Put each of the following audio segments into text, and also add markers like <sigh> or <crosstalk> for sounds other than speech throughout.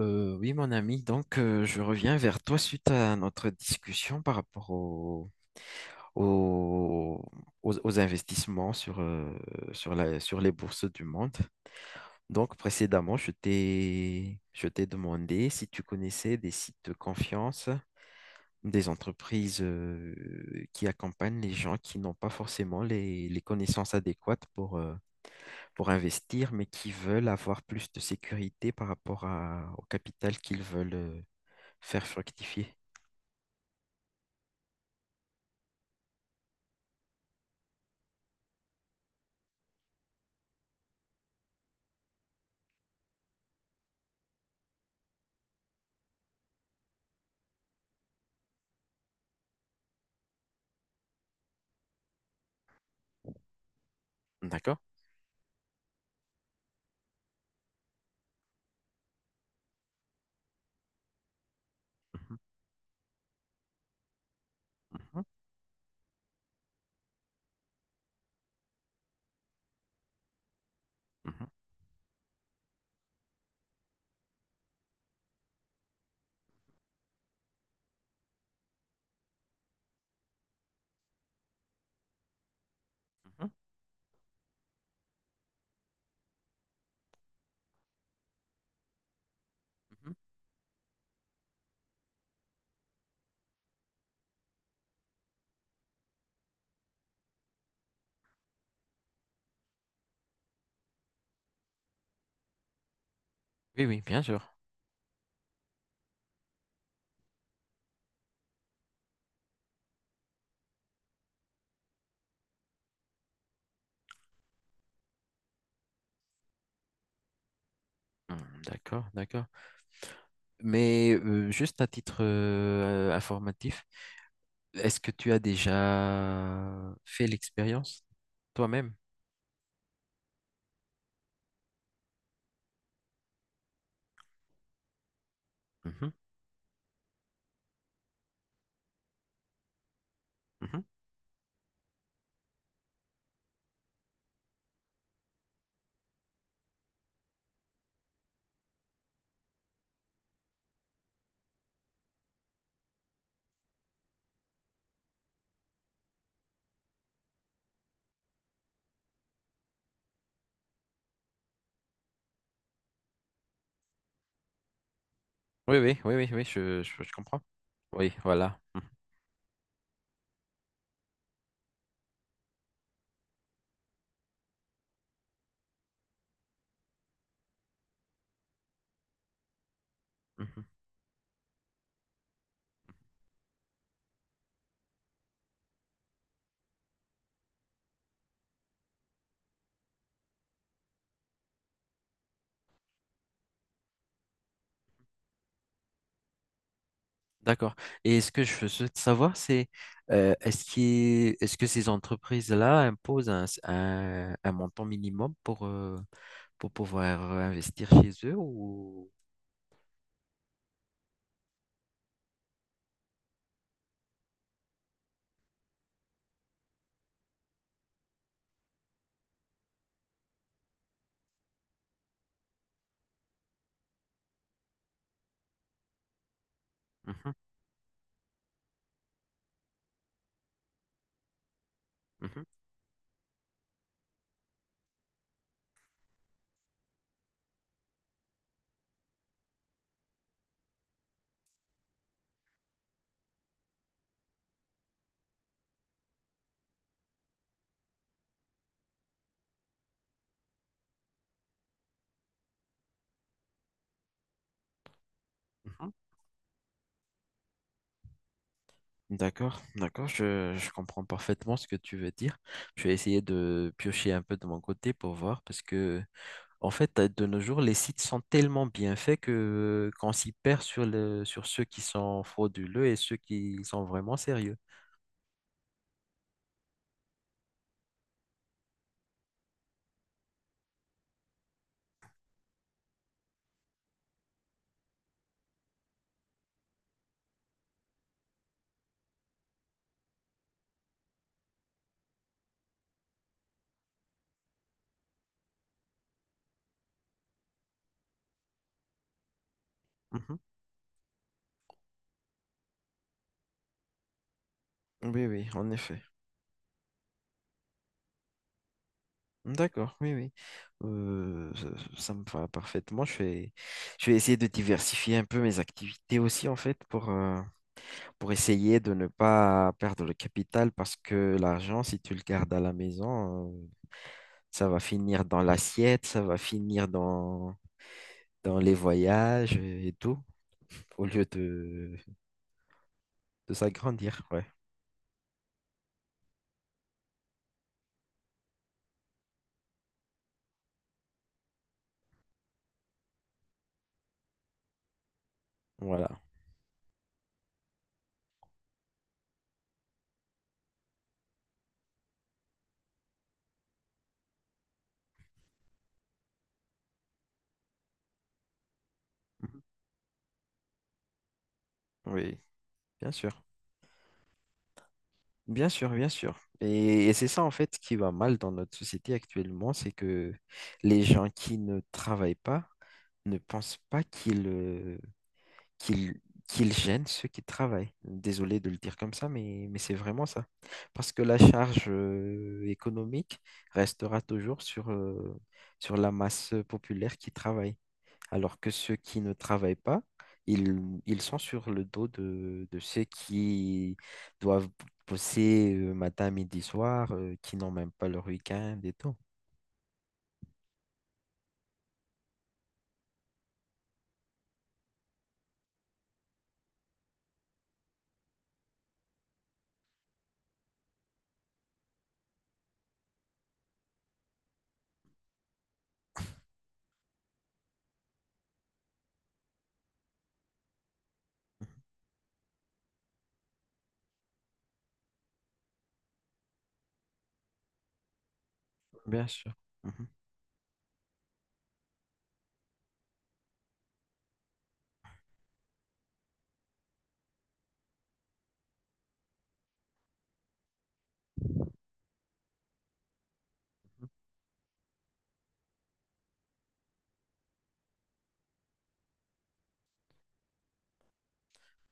Oui, mon ami, donc je reviens vers toi suite à notre discussion par rapport au- aux investissements sur les bourses du monde. Donc précédemment, je t'ai demandé si tu connaissais des sites de confiance, des entreprises qui accompagnent les gens qui n'ont pas forcément les connaissances adéquates pour investir, mais qui veulent avoir plus de sécurité par rapport au capital qu'ils veulent faire fructifier. D'accord. Mhm. mhm, mhm, mhm, mhm. Oui, oui, bien sûr. Hmm, D'accord, d'accord. Mais juste à titre informatif, est-ce que tu as déjà fait l'expérience toi-même? Mhm. mhm. Oui, je comprends. Oui, voilà. Mhm, mhm. D'accord. Et ce que je souhaite savoir, c'est est-ce que ces entreprises-là imposent un montant minimum pour pouvoir investir chez eux ou... Mhm. mhm, mhm. D'accord, d'accord, je- je comprends parfaitement ce que tu veux dire. Je vais essayer de piocher un peu de mon côté pour voir parce que, en fait, de nos jours, les sites sont tellement bien faits que qu'on s'y perd sur sur ceux qui sont frauduleux et ceux qui sont vraiment sérieux. Mhm. Oui, oui, en effet. D'accord, oui, oui. Euh, ça, ça me va parfaitement. Je vais essayer de diversifier un peu mes activités aussi, en fait, pour essayer de ne pas perdre le capital parce que l'argent, si tu le gardes à la maison, ça va finir dans l'assiette, ça va finir dans les voyages et tout, au lieu de s'agrandir. Ouais, voilà. Oui, bien sûr. Bien sûr, bien sûr. Et c'est ça en fait ce qui va mal dans notre société actuellement, c'est que les gens qui ne travaillent pas ne pensent pas qu'ils qu'il qu'il gêne ceux qui travaillent. Désolé de le dire comme ça, mais c'est vraiment ça. Parce que la charge économique restera toujours sur la masse populaire qui travaille. Alors que ceux qui ne travaillent pas, ils, ils sont sur le dos de ceux qui doivent bosser matin, midi, soir, qui n'ont même pas leur week-end et tout. Bien sûr. Mhm.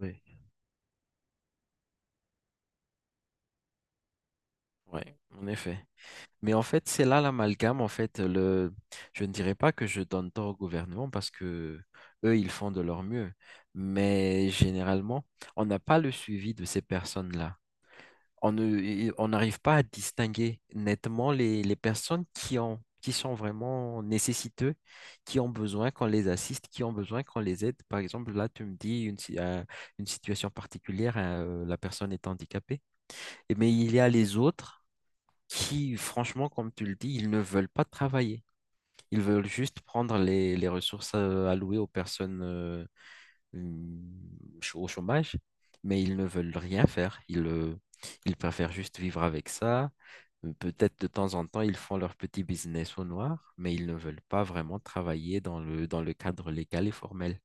Oui, oui, en effet. Mais en fait, c'est là l'amalgame. En fait, le... je ne dirais pas que je donne tort au gouvernement parce que eux, ils font de leur mieux. Mais généralement, on n'a pas le suivi de ces personnes-là. On ne, et on n'arrive pas à distinguer nettement les personnes qui ont, qui sont vraiment nécessiteux, qui ont besoin qu'on les assiste, qui ont besoin qu'on les aide. Par exemple, là, tu me dis une, si- une situation particulière, hein, la personne est handicapée. Et- Mais il y a les autres qui, franchement, comme tu le dis, ils ne veulent pas travailler. Ils veulent juste prendre les ressources allouées aux personnes au chômage, mais ils ne veulent rien faire. Ils préfèrent juste vivre avec ça. Peut-être de temps en temps, ils font leur petit business au noir, mais ils ne veulent pas vraiment travailler dans dans le cadre légal et formel.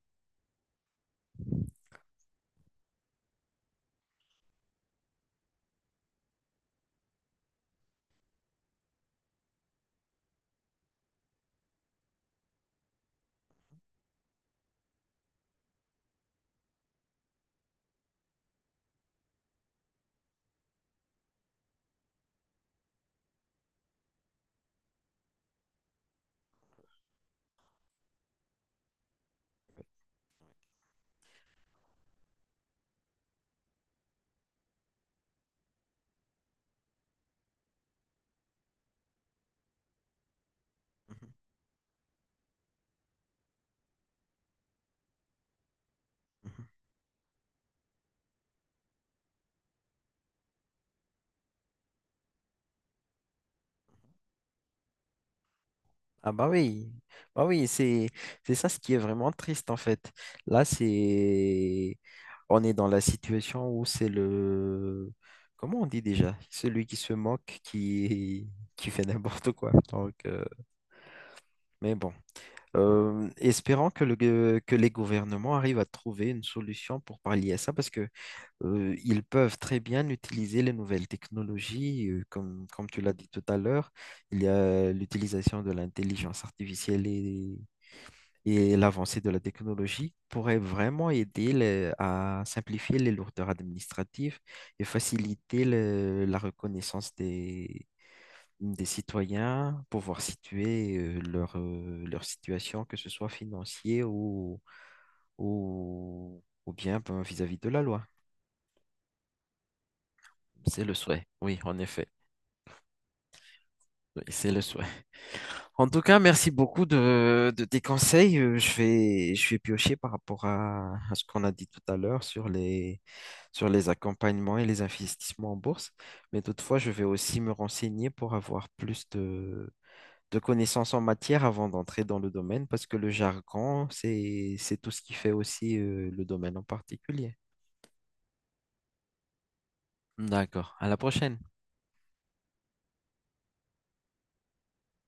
Mhm. mhm. Ah bah oui, c'est ça ce qui est vraiment triste en fait. Là, c'est on est dans la situation où c'est le comment on dit déjà? Celui qui se moque qui <laughs> qui fait n'importe quoi. Mais bon, Espérons que les gouvernements arrivent à trouver une solution pour pallier à ça parce que ils peuvent très bien utiliser les nouvelles technologies comme tu l'as dit tout à l'heure, il y a l'utilisation de l'intelligence artificielle et l'avancée de la technologie pourrait vraiment aider à simplifier les lourdeurs administratives et faciliter la reconnaissance des citoyens, pouvoir situer leur situation, que ce soit financier ou ou bien ben, vis-à-vis de la loi. C'est le souhait, oui, en effet. Oui, c'est le souhait. En tout cas, merci beaucoup de tes conseils. Je vais piocher par rapport à ce qu'on a dit tout à l'heure sur les accompagnements et les investissements en bourse. Mais toutefois, je vais aussi me renseigner pour avoir plus de connaissances en matière avant d'entrer dans le domaine, parce que le jargon, c'est tout ce qui fait aussi le domaine en particulier. D'accord. À la prochaine.